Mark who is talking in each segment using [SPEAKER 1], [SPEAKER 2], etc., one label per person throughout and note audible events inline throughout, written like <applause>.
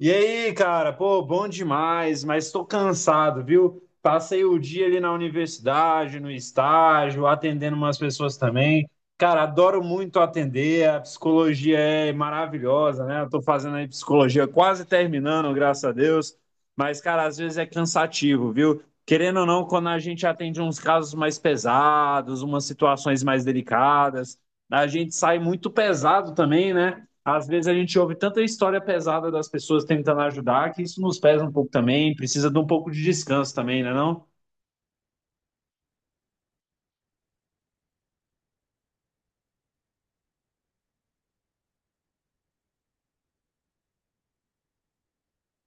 [SPEAKER 1] E aí, cara, pô, bom demais, mas estou cansado, viu? Passei o dia ali na universidade, no estágio, atendendo umas pessoas também. Cara, adoro muito atender, a psicologia é maravilhosa, né? Eu tô fazendo aí psicologia quase terminando, graças a Deus. Mas, cara, às vezes é cansativo, viu? Querendo ou não, quando a gente atende uns casos mais pesados, umas situações mais delicadas, a gente sai muito pesado também, né? Às vezes a gente ouve tanta história pesada das pessoas tentando ajudar que isso nos pesa um pouco também, precisa de um pouco de descanso também, né não?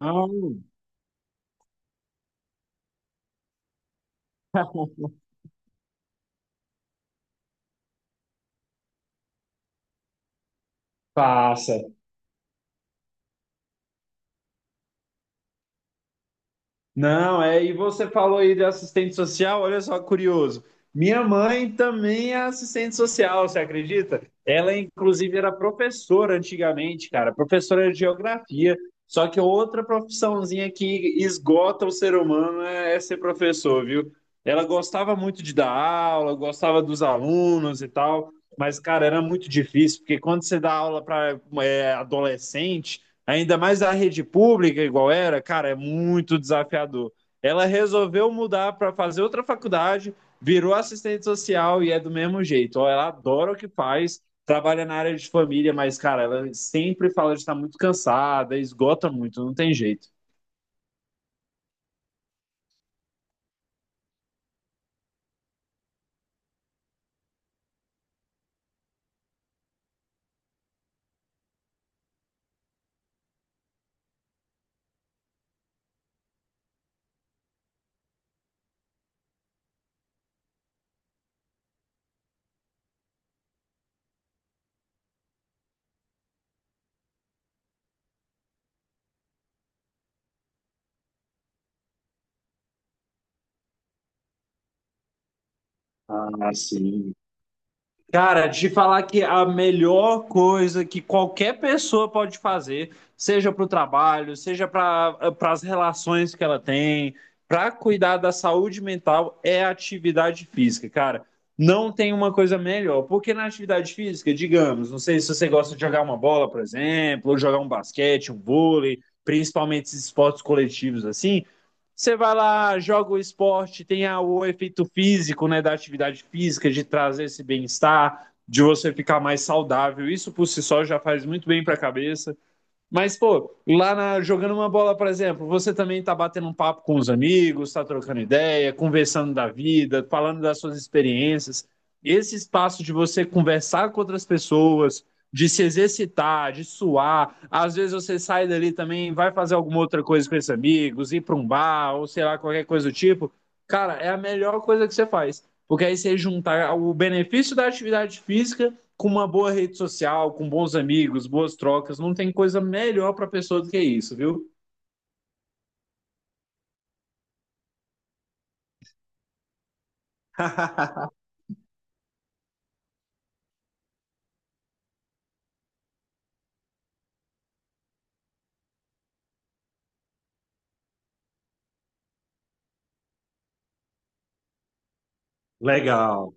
[SPEAKER 1] Não, passa. Não, é, e você falou aí de assistente social, olha só, curioso. Minha mãe também é assistente social, você acredita? Ela, inclusive, era professora antigamente, cara, professora de geografia. Só que outra profissãozinha que esgota o ser humano é ser professor, viu? Ela gostava muito de dar aula, gostava dos alunos e tal, mas, cara, era muito difícil, porque quando você dá aula para adolescente ainda mais a rede pública, igual era, cara, é muito desafiador. Ela resolveu mudar para fazer outra faculdade, virou assistente social e é do mesmo jeito. Ó, ela adora o que faz, trabalha na área de família, mas, cara, ela sempre fala de estar muito cansada, esgota muito, não tem jeito. Ah, sim. Cara, te falar que a melhor coisa que qualquer pessoa pode fazer, seja para o trabalho, seja para as relações que ela tem, para cuidar da saúde mental, é a atividade física, cara. Não tem uma coisa melhor, porque na atividade física, digamos, não sei se você gosta de jogar uma bola, por exemplo, ou jogar um basquete, um vôlei, principalmente esses esportes coletivos assim, você vai lá, joga o esporte, tem o efeito físico, né, da atividade física, de trazer esse bem-estar, de você ficar mais saudável. Isso por si só já faz muito bem para a cabeça. Mas, pô, lá jogando uma bola, por exemplo, você também tá batendo um papo com os amigos, tá trocando ideia, conversando da vida, falando das suas experiências. Esse espaço de você conversar com outras pessoas, de se exercitar, de suar. Às vezes você sai dali também, vai fazer alguma outra coisa com esses amigos, ir para um bar, ou sei lá, qualquer coisa do tipo. Cara, é a melhor coisa que você faz. Porque aí você juntar o benefício da atividade física com uma boa rede social, com bons amigos, boas trocas, não tem coisa melhor para a pessoa do que isso, viu? Legal.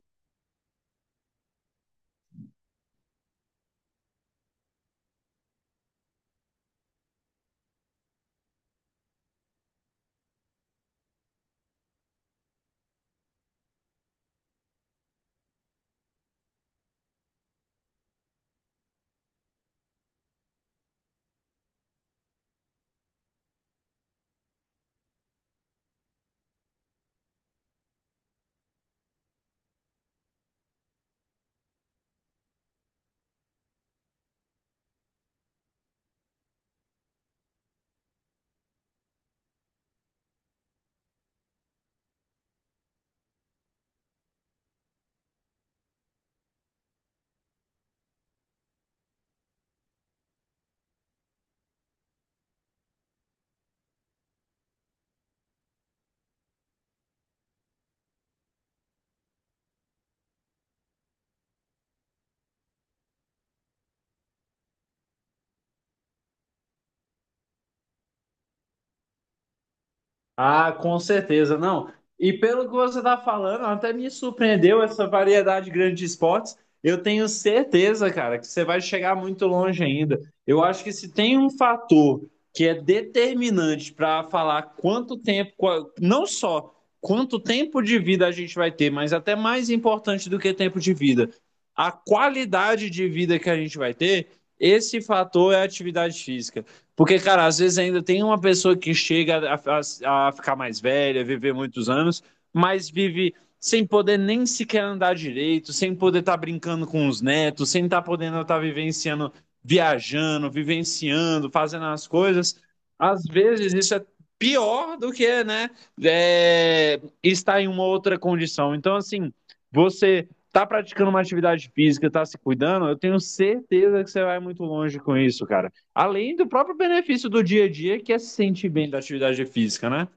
[SPEAKER 1] Ah, com certeza, não. E pelo que você está falando, até me surpreendeu essa variedade grande de esportes. Eu tenho certeza, cara, que você vai chegar muito longe ainda. Eu acho que se tem um fator que é determinante para falar quanto tempo, não só quanto tempo de vida a gente vai ter, mas até mais importante do que tempo de vida, a qualidade de vida que a gente vai ter, esse fator é a atividade física. Porque, cara, às vezes ainda tem uma pessoa que chega a ficar mais velha, viver muitos anos, mas vive sem poder nem sequer andar direito, sem poder estar brincando com os netos, sem estar podendo estar vivenciando, viajando, vivenciando, fazendo as coisas. Às vezes isso é pior do que, né, é, estar em uma outra condição. Então, assim, você tá praticando uma atividade física, tá se cuidando, eu tenho certeza que você vai muito longe com isso, cara. Além do próprio benefício do dia a dia, que é se sentir bem da atividade física, né?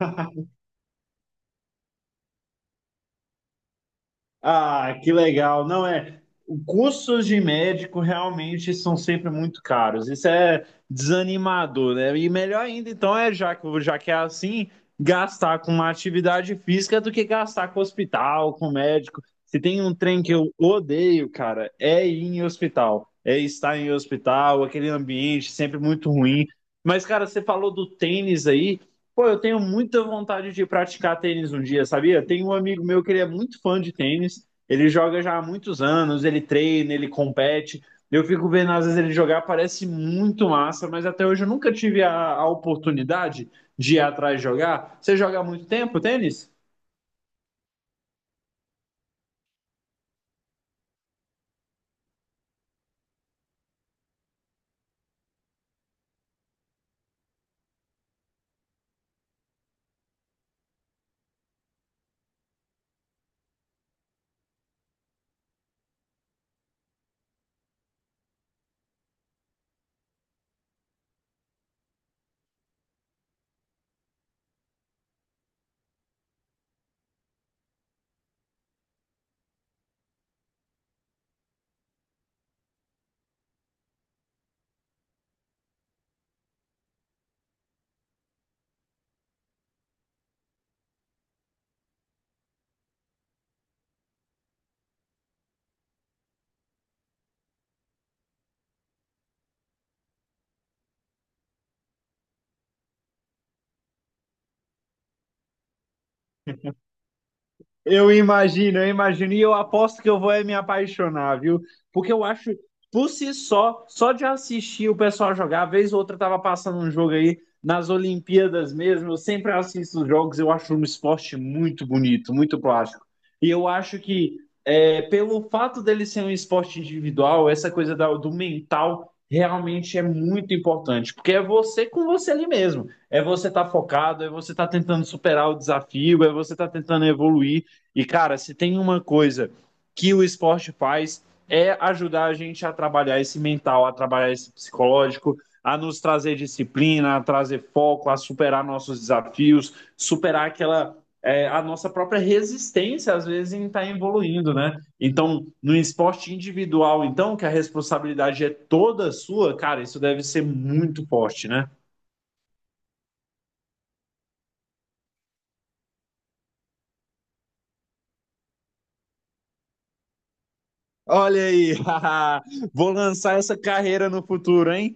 [SPEAKER 1] <laughs> Ah, que legal. Não é. Os custos de médico realmente são sempre muito caros. Isso é desanimador, né? E melhor ainda, então, é já que é assim, gastar com uma atividade física do que gastar com hospital, com médico. Se tem um trem que eu odeio, cara, é ir em hospital. É estar em hospital, aquele ambiente sempre muito ruim. Mas, cara, você falou do tênis aí. Pô, eu tenho muita vontade de praticar tênis um dia, sabia? Tem um amigo meu que ele é muito fã de tênis, ele joga já há muitos anos, ele treina, ele compete. Eu fico vendo às vezes ele jogar, parece muito massa, mas até hoje eu nunca tive a oportunidade de ir atrás jogar. Você joga há muito tempo tênis? Eu imagino, eu imagino. E eu aposto que eu vou é me apaixonar, viu? Porque eu acho, por si só, só de assistir o pessoal jogar, vez ou outra eu tava passando um jogo aí nas Olimpíadas mesmo. Eu sempre assisto os jogos, eu acho um esporte muito bonito, muito plástico. E eu acho que, é, pelo fato dele ser um esporte individual, essa coisa do mental realmente é muito importante, porque é você com você ali mesmo. É você estar focado, é você estar tentando superar o desafio, é você estar tentando evoluir. E, cara, se tem uma coisa que o esporte faz é ajudar a gente a trabalhar esse mental, a trabalhar esse psicológico, a nos trazer disciplina, a trazer foco, a superar nossos desafios, superar aquela é, a nossa própria resistência às vezes em estar evoluindo, né? Então, no esporte individual, então que a responsabilidade é toda sua, cara, isso deve ser muito forte, né? Olha aí, <laughs> vou lançar essa carreira no futuro, hein?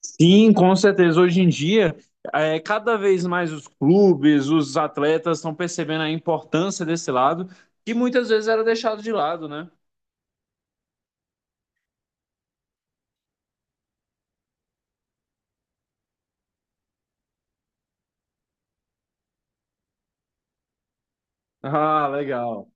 [SPEAKER 1] Sim, com certeza. Hoje em dia, é, cada vez mais os clubes, os atletas estão percebendo a importância desse lado, que muitas vezes era deixado de lado, né? Ah, legal.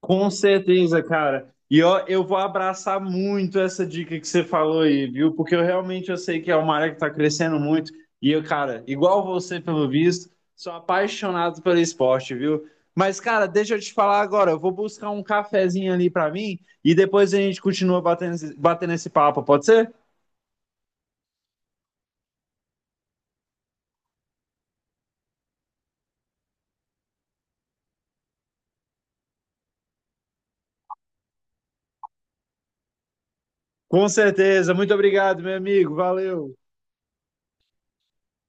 [SPEAKER 1] Com certeza, cara. E ó, eu vou abraçar muito essa dica que você falou aí, viu? Porque eu realmente eu sei que é uma área que está crescendo muito. E eu, cara, igual você, pelo visto, sou apaixonado pelo esporte, viu? Mas, cara, deixa eu te falar agora. Eu vou buscar um cafezinho ali para mim e depois a gente continua batendo, batendo esse papo, pode ser? Com certeza. Muito obrigado, meu amigo. Valeu.